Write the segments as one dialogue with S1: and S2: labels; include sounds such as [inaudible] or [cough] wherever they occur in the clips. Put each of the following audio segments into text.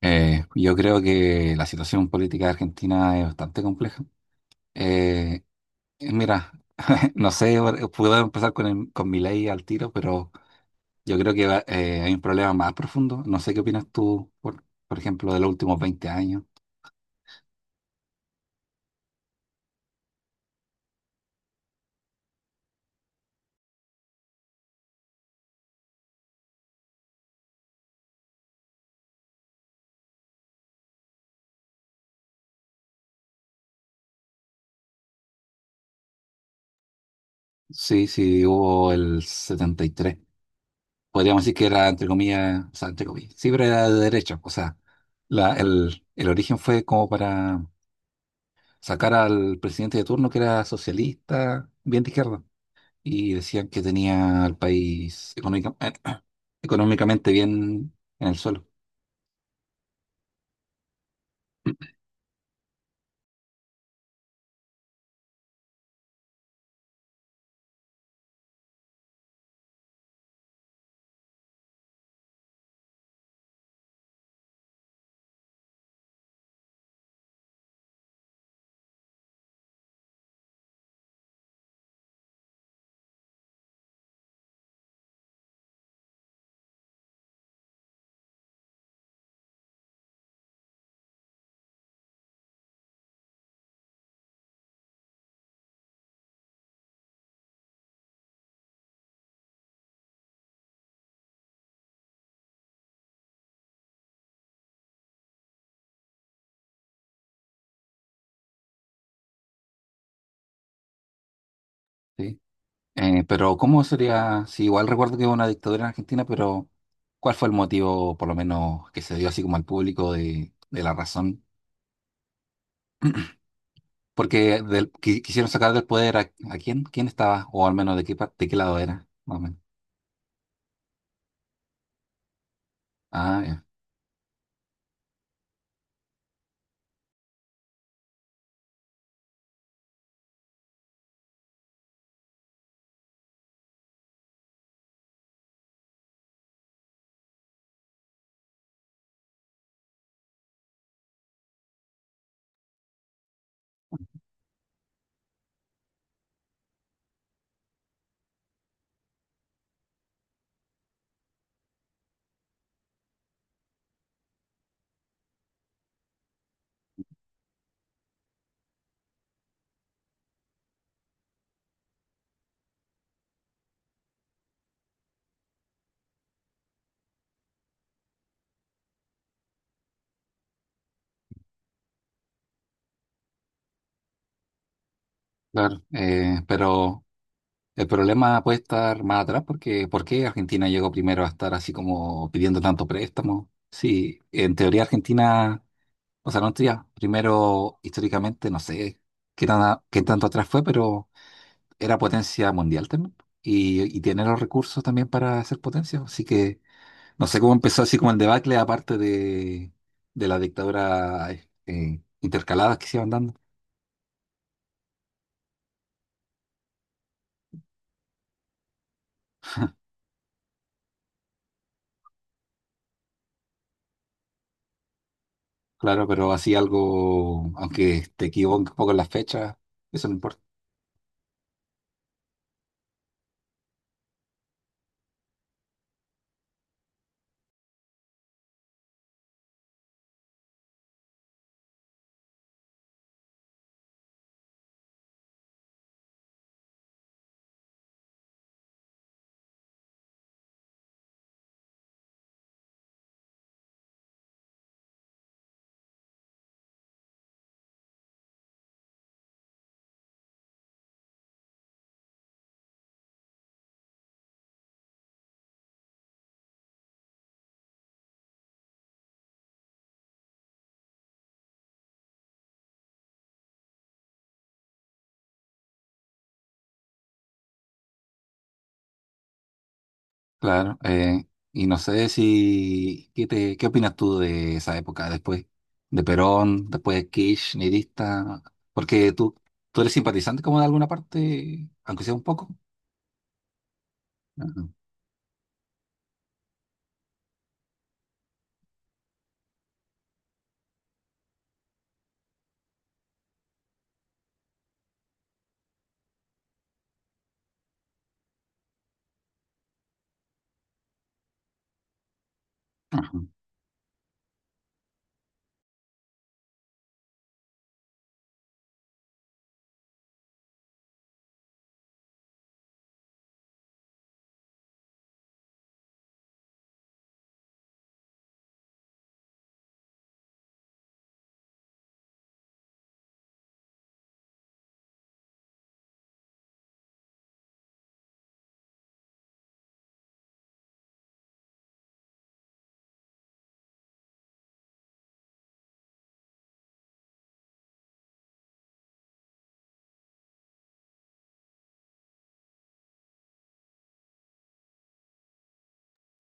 S1: Yo creo que la situación política de Argentina es bastante compleja. Eh, mira, [laughs] no sé, puedo empezar con, con mi ley al tiro, pero yo creo que hay un problema más profundo. No sé qué opinas tú, por ejemplo, de los últimos veinte años. Sí, sí, hubo el 73. Podríamos decir que era, entre comillas, o sea, entre comillas, siempre era de derecha. O sea, el origen fue como para sacar al presidente de turno que era socialista, bien de izquierda. Y decían que tenía al país económicamente bien en el suelo. ¿Sí? Pero ¿cómo sería? Si igual recuerdo que hubo una dictadura en Argentina, pero ¿cuál fue el motivo, por lo menos, que se dio así como al público de la razón? [clears throat] Porque quisieron sacar del poder a quién, quién estaba, o al menos de qué, de qué lado era, más o menos. Ah, ya. Claro, pero... El problema puede estar más atrás porque ¿por qué Argentina llegó primero a estar así como pidiendo tanto préstamo? Sí, en teoría Argentina, o sea, no en teoría, primero históricamente no sé qué tan, qué tanto atrás fue, pero era potencia mundial también y tiene los recursos también para ser potencia, así que no sé cómo empezó así como el debacle aparte de la dictadura intercaladas que se iban dando. Claro, pero así algo, aunque te equivoques un poco en las fechas, eso no importa. Claro, y no sé si, ¿qué te, qué opinas tú de esa época después de Perón, después de Kirchnerista? Porque tú eres simpatizante como de alguna parte, aunque sea un poco. Ajá, ajá.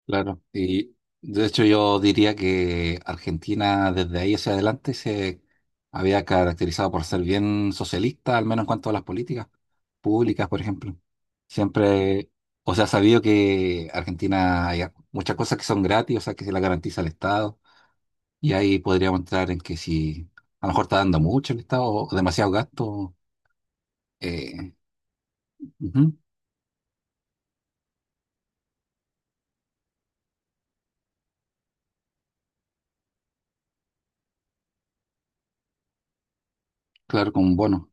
S1: Claro, y de hecho yo diría que Argentina desde ahí hacia adelante se había caracterizado por ser bien socialista, al menos en cuanto a las políticas públicas, por ejemplo. Siempre, o sea, sabido que Argentina hay muchas cosas que son gratis, o sea, que se las garantiza el Estado, y ahí podríamos entrar en que si a lo mejor está dando mucho el Estado o demasiado gasto, eh, ujú, claro, con bono,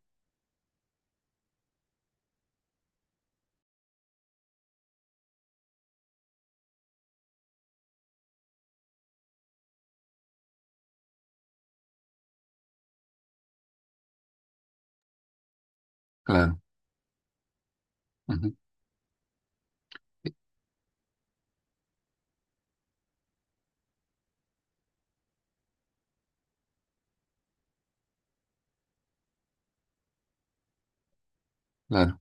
S1: claro, ujú, claro,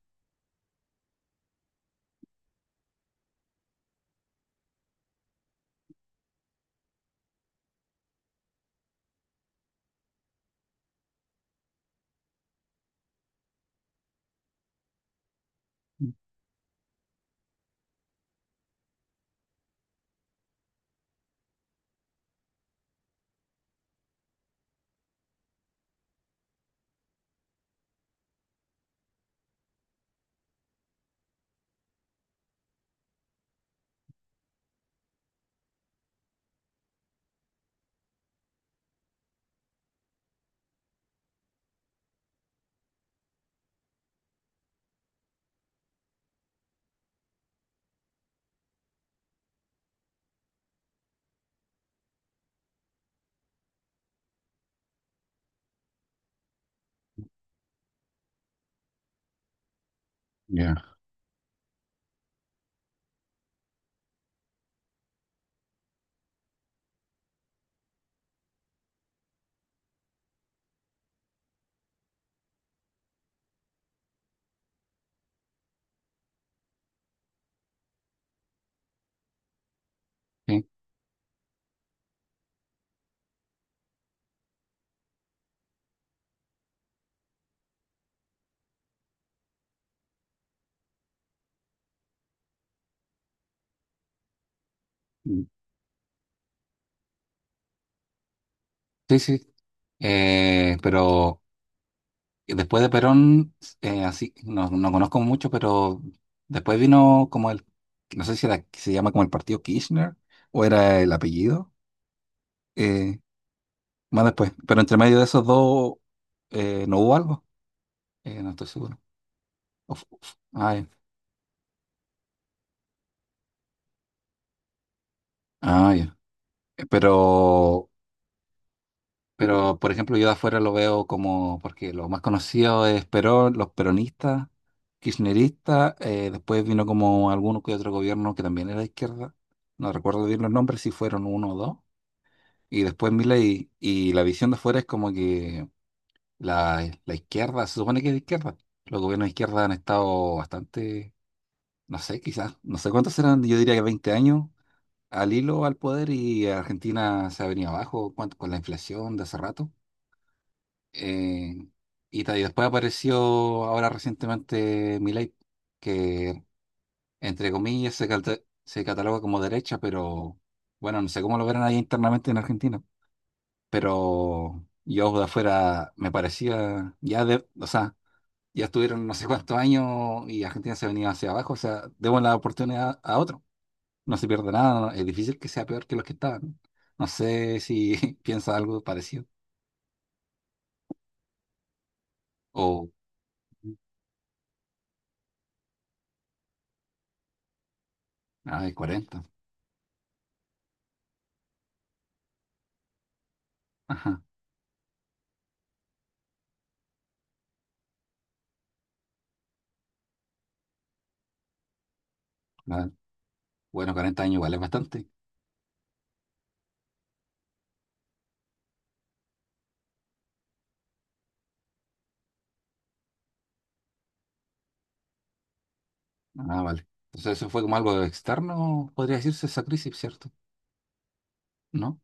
S1: ya, sí, sí, sí. Pero después de Perón, así, no, no conozco mucho, pero después vino como el, no sé si era, se llama como el partido Kirchner o era el apellido, eh, más después. Pero entre medio de esos dos no hubo algo. No estoy seguro. O ah, ya. Ah, ya. Eh, Pero Pero, por ejemplo, yo de afuera lo veo como, porque lo más conocido es Perón, los peronistas, kirchneristas, después vino como alguno que otro gobierno que también era de izquierda, no recuerdo bien los nombres, si fueron uno o dos, y después Milei, y la visión de afuera es como que la izquierda, se supone que es de izquierda, los gobiernos de izquierda han estado bastante, no sé, quizás, no sé cuántos eran, yo diría que 20 años al hilo al poder y Argentina se ha venido abajo con la inflación de hace rato. Eh, y y después apareció ahora recientemente Milei, que entre comillas se cataloga como derecha, pero bueno, no sé cómo lo verán ahí internamente en Argentina. Pero yo de afuera me parecía, ya de, o sea, ya estuvieron no sé cuántos años y Argentina se venía hacia abajo, o sea, demos la oportunidad a otro. No se pierde nada, es difícil que sea peor que los que estaban. No sé si [laughs] piensa algo parecido. O, ah, el cuarenta. Ajá. Claro. Bueno, 40 años igual es bastante. Ah, vale. Entonces eso fue como algo externo, podría decirse esa crisis, ¿cierto? ¿No?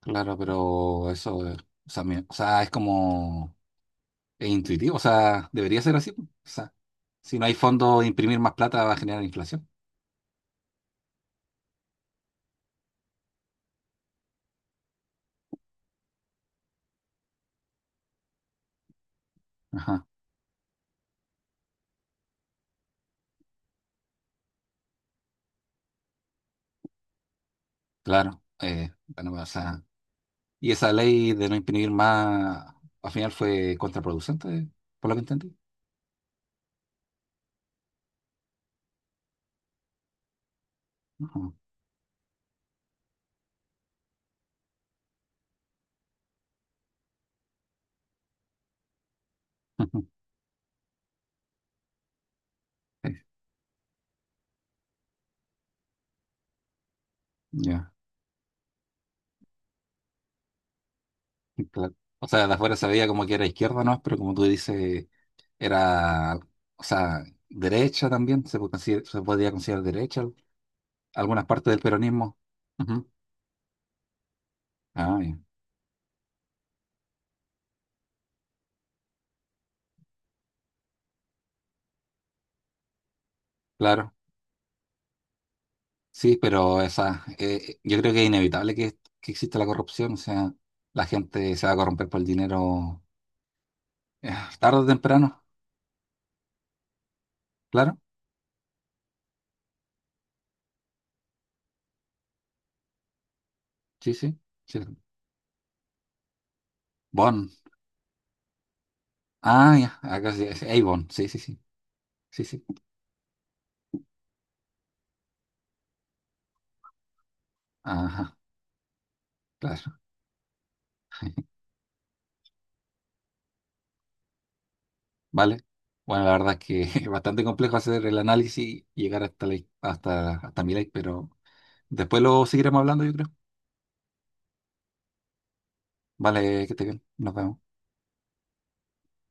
S1: Claro, pero eso, o sea, o sea, es como es intuitivo, o sea, debería ser así, pues. O sea, si no hay fondo, imprimir más plata va a generar inflación. Ajá, claro. Bueno, o sea, y esa ley de no imprimir más, al final fue contraproducente, por lo que entendí. Ajá. [laughs] Sí, ya, claro. O sea, de afuera se veía como que era izquierda, ¿no? Pero como tú dices... Era, o sea, derecha también, se, se podía considerar derecha algunas partes del peronismo. Ujú. Ah, ya. Claro, sí, pero esa, yo creo que es inevitable que exista la corrupción, o sea, la gente se va a corromper por el dinero eh, tarde o temprano, claro, sí, sí, sí. Bon, ah, ya, acá sí, es Avon, sí, sí, sí, sí, sí, ajá, claro. [laughs] ¿Vale? Bueno, la verdad es que [laughs] es bastante complejo hacer el análisis y llegar hasta, la, hasta, hasta mi ley, pero después lo seguiremos hablando, yo creo. Vale, que te bien. Nos vemos.